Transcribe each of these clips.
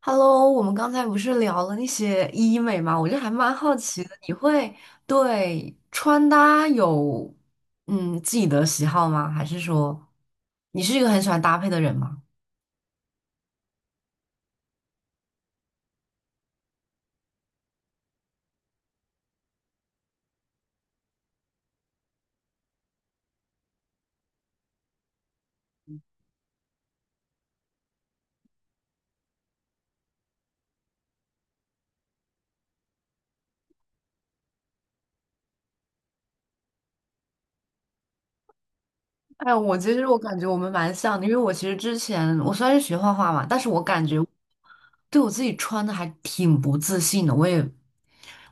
Hello，我们刚才不是聊了那些医美嘛，我就还蛮好奇的，你会对穿搭有自己的喜好吗？还是说你是一个很喜欢搭配的人吗？哎，我其实感觉我们蛮像的，因为我其实之前我虽然是学画画嘛，但是我感觉对我自己穿的还挺不自信的，我也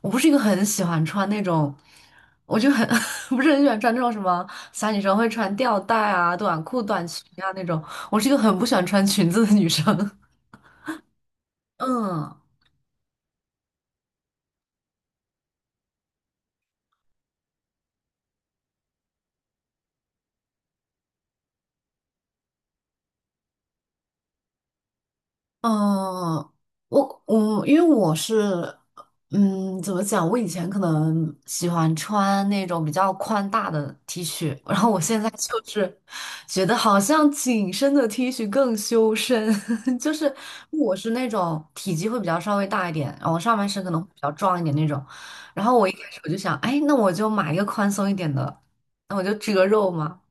我不是一个很喜欢穿那种，我就很 不是很喜欢穿那种什么小女生会穿吊带啊、短裤、短裙啊那种。我是一个很不喜欢穿裙子的女生。嗯。嗯，我我因为我是，嗯，怎么讲？我以前可能喜欢穿那种比较宽大的 T 恤，然后我现在就是觉得好像紧身的 T 恤更修身，就是我是那种体积会比较稍微大一点，然后上半身可能会比较壮一点那种。然后我一开始就想，哎，那我就买一个宽松一点的，那我就遮肉嘛。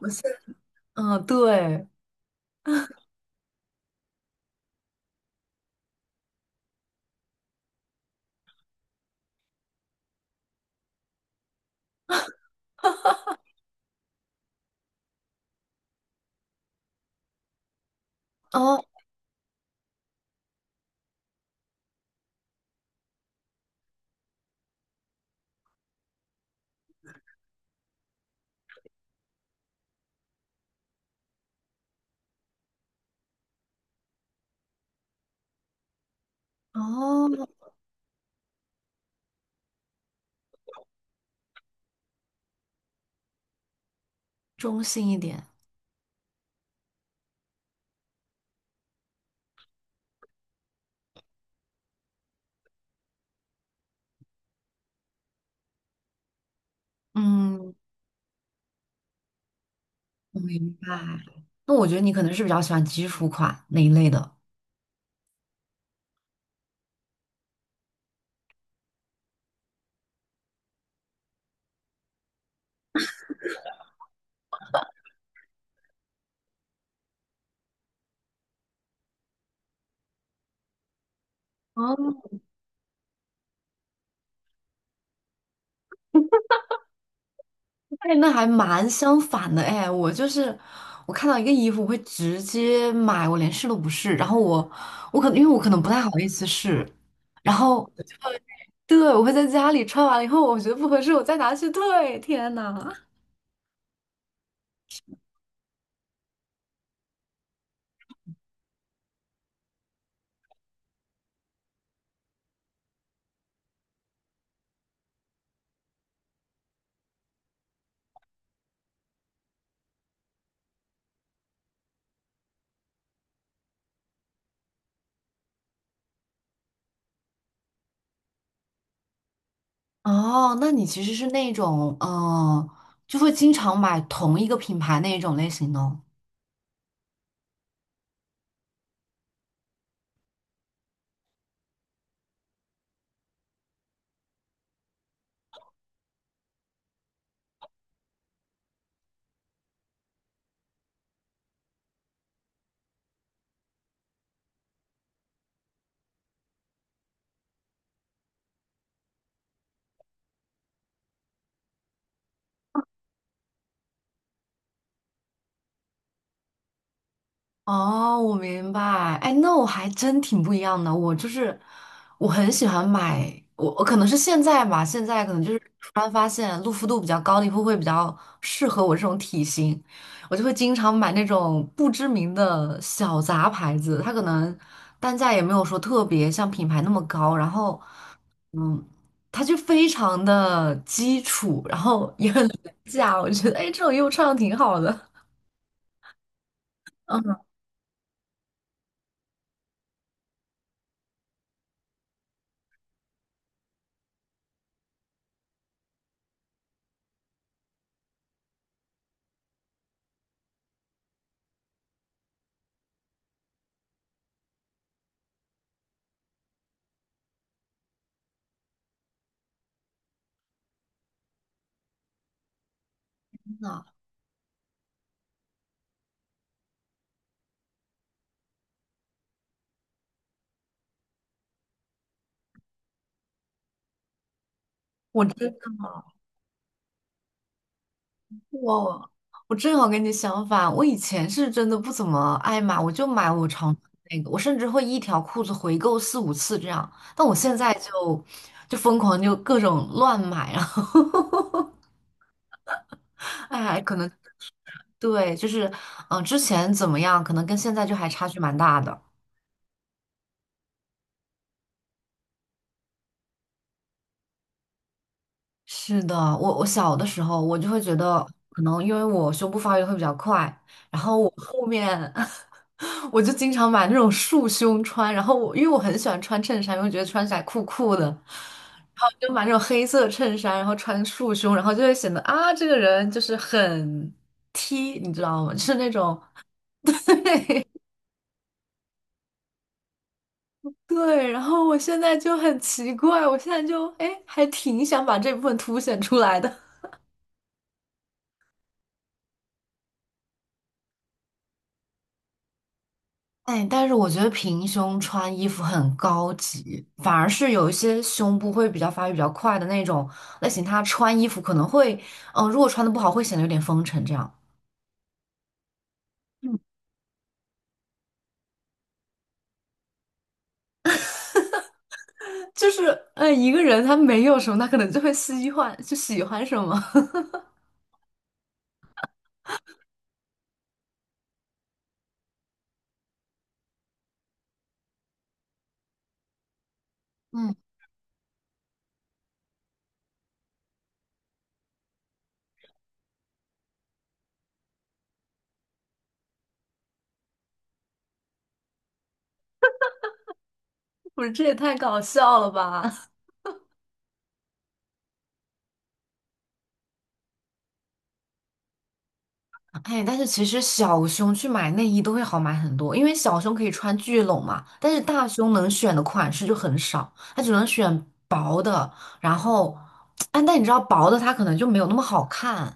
我现，嗯，对。哦哦，中性一点。嗯，我明白。那我觉得你可能是比较喜欢基础款那一类的。哦，哎，那还蛮相反的哎，我就是我看到一个衣服我会直接买，我连试都不试，然后我可能因为我可能不太好意思试，然后我就会对我会在家里穿完了以后，我觉得不合适，我再拿去退。天呐 哦，那你其实是那种就会经常买同一个品牌那一种类型的哦。哦，我明白。哎，那我还真挺不一样的。我就是我很喜欢买，我可能是现在吧，现在可能就是突然发现露肤度比较高的衣服会比较适合我这种体型，我就会经常买那种不知名的小杂牌子，它可能单价也没有说特别像品牌那么高，然后嗯，它就非常的基础，然后也很廉价，我觉得哎，这种衣服穿的挺好的。嗯，真的我这。我我正好跟你相反，我以前是真的不怎么爱买，我就买我常穿的那个，我甚至会一条裤子回购四五次这样。但我现在就疯狂就各种乱买，然后 哎，可能对，就是之前怎么样，可能跟现在就还差距蛮大的。是的，我小的时候，我就会觉得，可能因为我胸部发育得会比较快，然后我后面 我就经常买那种束胸穿，然后我因为我很喜欢穿衬衫，因为觉得穿起来酷酷的，然后就买那种黑色衬衫，然后穿束胸，然后就会显得啊，这个人就是很 T，你知道吗？就是那种对，然后我现在就很奇怪，我现在就哎，还挺想把这部分凸显出来的。哎，但是我觉得平胸穿衣服很高级，反而是有一些胸部会比较发育比较快的那种类型，她穿衣服可能会，如果穿的不好，会显得有点风尘这样。就是，哎，一个人他没有什么，他可能就会喜欢，就喜欢什么。嗯，不是，这也太搞笑了吧！哎，但是其实小胸去买内衣都会好买很多，因为小胸可以穿聚拢嘛，但是大胸能选的款式就很少，它只能选薄的。然后，哎，但你知道薄的它可能就没有那么好看，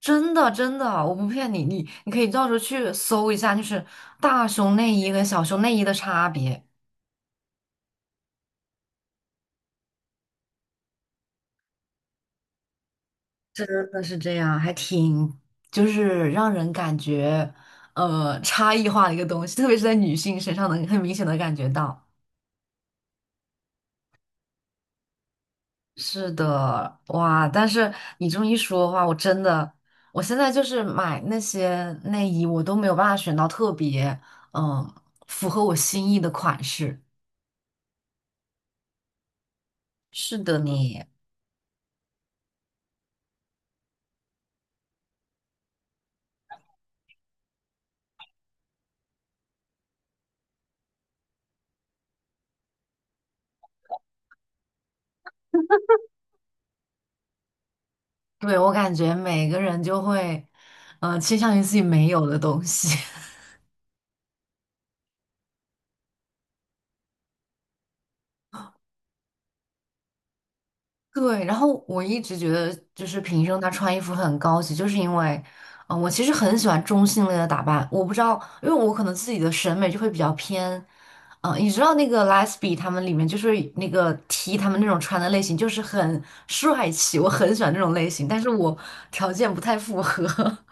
真的真的，我不骗你，你你可以到时候去搜一下，就是大胸内衣跟小胸内衣的差别，真的是这样，还挺就是让人感觉差异化的一个东西，特别是在女性身上能很明显的感觉到。是的，哇！但是你这么一说的话，我真的，我现在就是买那些内衣，我都没有办法选到特别嗯符合我心意的款式。是的你，对，我感觉每个人就会，倾向于自己没有的东西。对，然后我一直觉得，就是平生她穿衣服很高级，就是因为，我其实很喜欢中性类的打扮。我不知道，因为我可能自己的审美就会比较偏，你知道那个 Lesbi 他们里面就是那个 T 他们那种穿的类型，就是很帅气，我很喜欢那种类型，但是我条件不太符合。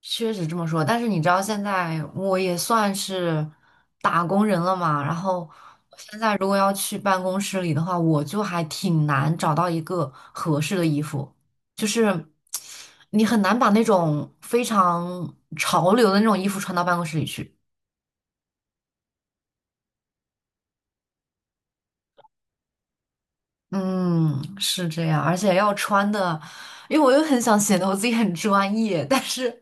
确实这么说，但是你知道现在我也算是打工人了嘛，然后我现在如果要去办公室里的话，我就还挺难找到一个合适的衣服，就是你很难把那种非常潮流的那种衣服穿到办公室里去。嗯，是这样，而且要穿的，因为我又很想显得我自己很专业，但是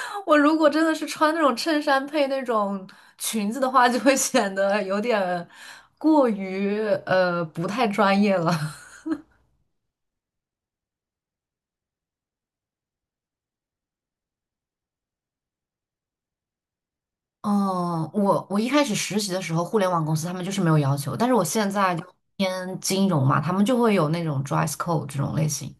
我如果真的是穿那种衬衫配那种裙子的话，就会显得有点过于不太专业了。嗯，我一开始实习的时候，互联网公司他们就是没有要求，但是我现在就偏金融嘛，他们就会有那种 dress code 这种类型。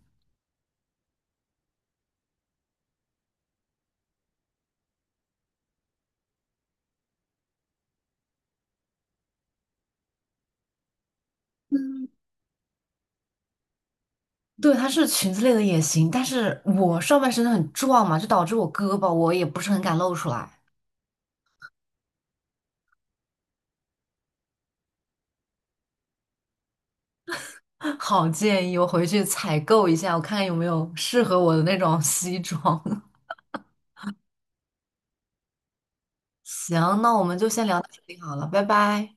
对，它是裙子类的也行，但是我上半身很壮嘛，就导致我胳膊我也不是很敢露出来。好建议，我回去采购一下，我看看有没有适合我的那种 西装。行，那我们就先聊到这里好了，拜拜。